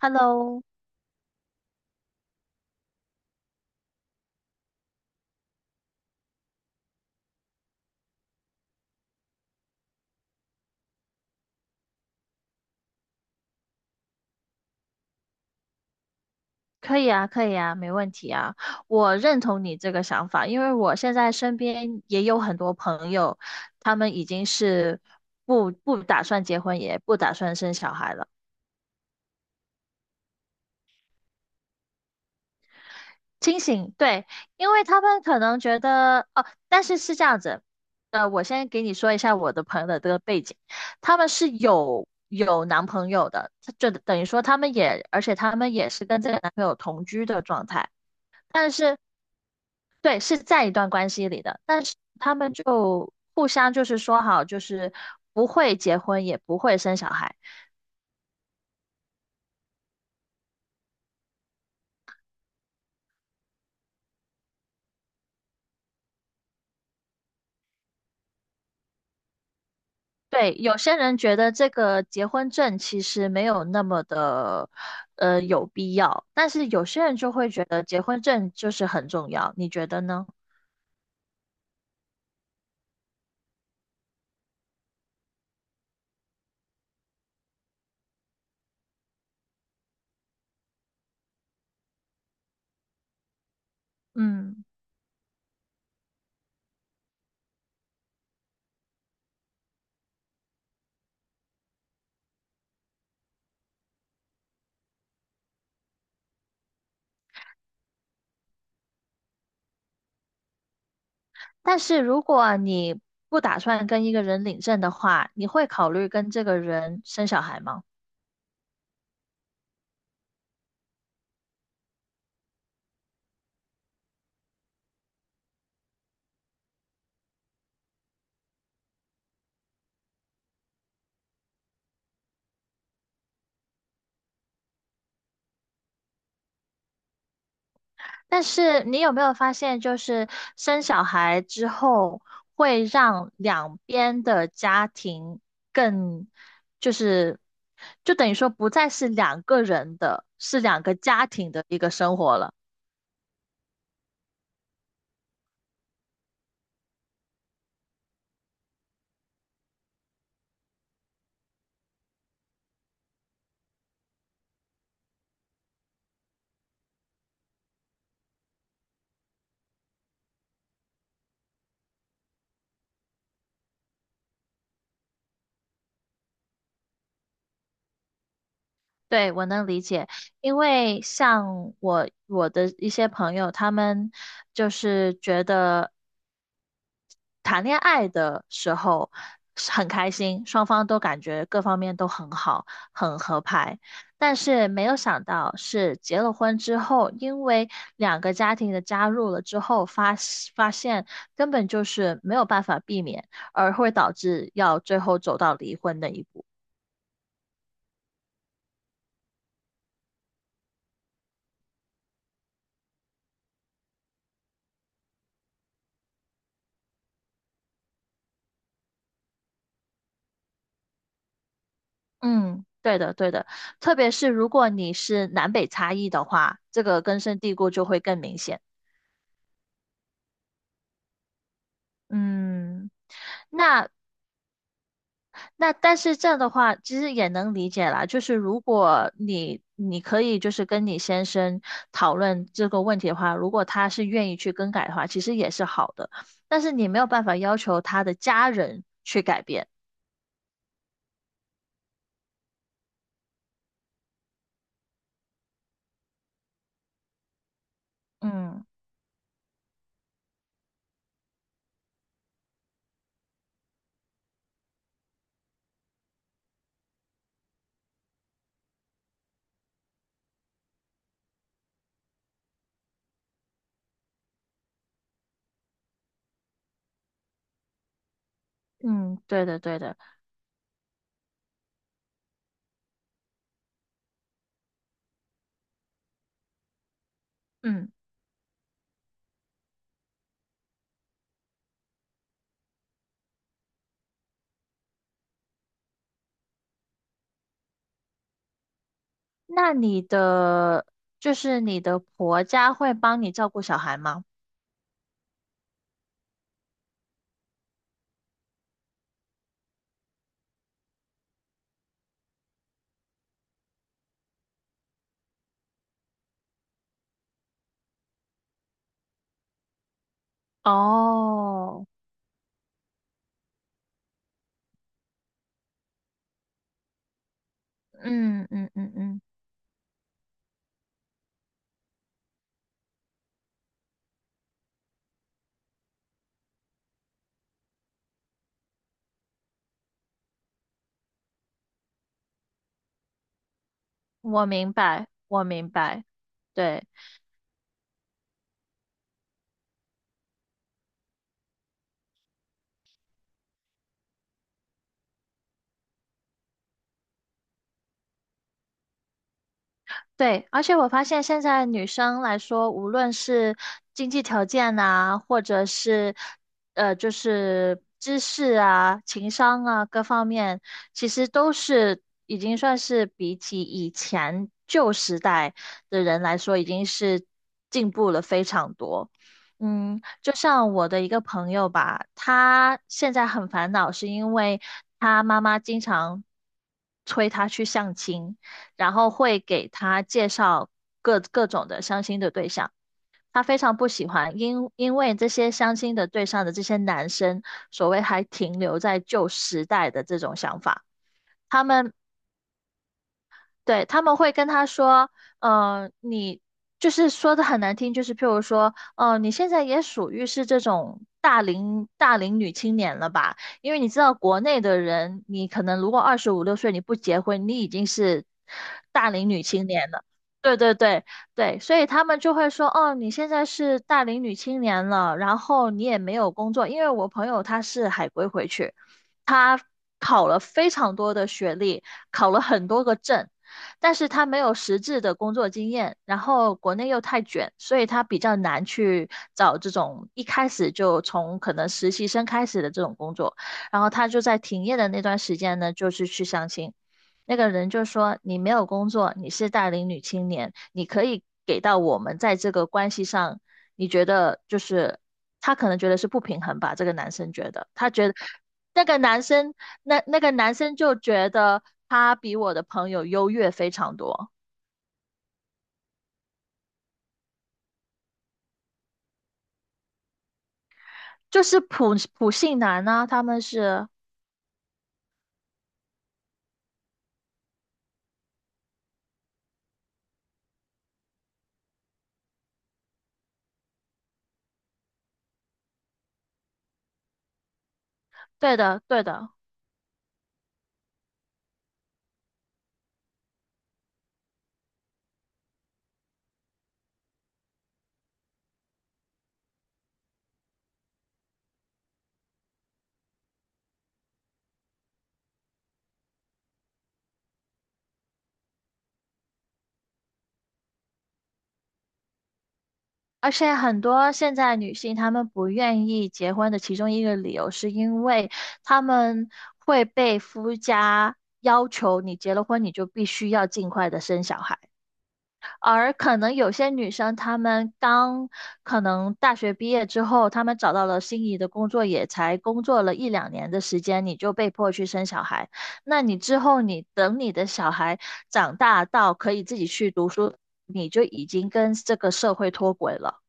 Hello，可以啊，可以啊，没问题啊。我认同你这个想法，因为我现在身边也有很多朋友，他们已经是不打算结婚，也不打算生小孩了。清醒，对，因为他们可能觉得哦，但是是这样子，我先给你说一下我的朋友的这个背景，他们是有男朋友的，就等于说他们也，而且他们也是跟这个男朋友同居的状态。但是对，是在一段关系里的，但是他们就互相就是说好，就是不会结婚，也不会生小孩。对，有些人觉得这个结婚证其实没有那么的，有必要，但是有些人就会觉得结婚证就是很重要，你觉得呢？嗯，但是如果你不打算跟一个人领证的话，你会考虑跟这个人生小孩吗？但是你有没有发现，就是生小孩之后，会让两边的家庭更，就是，就等于说不再是两个人的，是两个家庭的一个生活了。对，我能理解，因为像我的一些朋友，他们就是觉得。谈恋爱的时候是很开心，双方都感觉各方面都很好，很合拍。但是没有想到是结了婚之后，因为两个家庭的加入了之后，发现根本就是没有办法避免，而会导致要最后走到离婚那一步。嗯，对的，对的。特别是如果你是南北差异的话，这个根深蒂固就会更明显。嗯。那。那但是这样的话，其实也能理解啦。就是如果你可以就是跟你先生讨论这个问题的话，如果他是愿意去更改的话，其实也是好的。但是你没有办法要求他的家人去改变。嗯嗯，对的对的。嗯，那你的就是你的婆家会帮你照顾小孩吗？哦，嗯嗯嗯嗯，我明白，我明白。对，对，而且我发现现在女生来说，无论是经济条件啊，或者是就是知识啊、情商啊各方面，其实都是已经算是比起以前旧时代的人来说，已经是进步了非常多。嗯，就像我的一个朋友吧，他现在很烦恼，是因为他妈妈经常催他去相亲。然后会给他介绍各种的相亲的对象。他非常不喜欢，因为这些相亲的对象的这些男生，所谓还停留在旧时代的这种想法，他们对，他们会跟他说，你就是说的很难听，就是譬如说，你现在也属于是这种大龄女青年了吧？因为你知道国内的人，你可能如果二十五六岁你不结婚，你已经是大龄女青年了。对对对对，所以他们就会说，哦，你现在是大龄女青年了，然后你也没有工作，因为我朋友他是海归回去。他考了非常多的学历，考了很多个证，但是他没有实质的工作经验，然后国内又太卷，所以他比较难去找这种一开始就从可能实习生开始的这种工作。然后他就在停业的那段时间呢，就是去相亲。那个人就说：“你没有工作，你是大龄女青年，你可以给到我们在这个关系上，你觉得就是他可能觉得是不平衡吧？这个男生觉得，他觉得。”那个男生，那那个男生就觉得他比我的朋友优越非常多，就是普信男呢，他们是对的，对的。而且很多现在女性她们不愿意结婚的其中一个理由，是因为她们会被夫家要求，你结了婚你就必须要尽快的生小孩。而可能有些女生，她们刚可能大学毕业之后，她们找到了心仪的工作，也才工作了一两年的时间，你就被迫去生小孩。那你之后，你等你的小孩长大到可以自己去读书，你就已经跟这个社会脱轨了。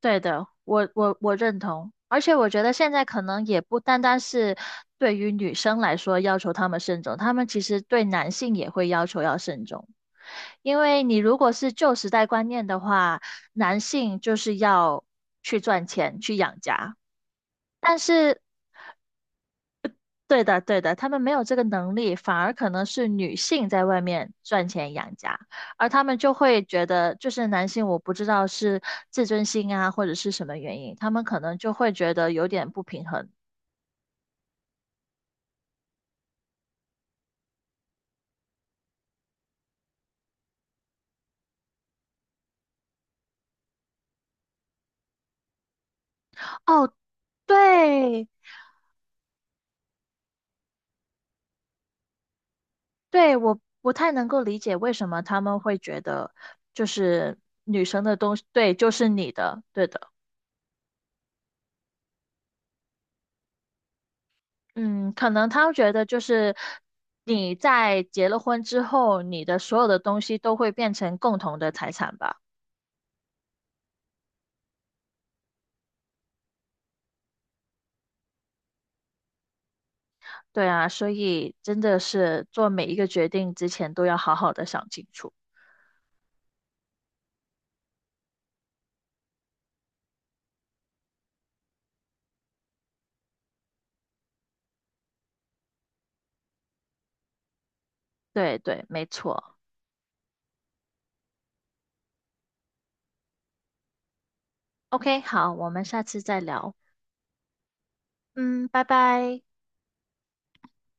对的，我认同，而且我觉得现在可能也不单单是对于女生来说要求他们慎重，他们其实对男性也会要求要慎重，因为你如果是旧时代观念的话，男性就是要去赚钱去养家，但是对的，对的，他们没有这个能力，反而可能是女性在外面赚钱养家，而他们就会觉得，就是男性，我不知道是自尊心啊，或者是什么原因，他们可能就会觉得有点不平衡。哦，对，对，我不太能够理解为什么他们会觉得，就是女生的东西，对，就是你的，对的。嗯，可能他觉得就是你在结了婚之后，你的所有的东西都会变成共同的财产吧？对啊，所以真的是做每一个决定之前都要好好的想清楚。对对，没错。OK，好，我们下次再聊。嗯，拜拜。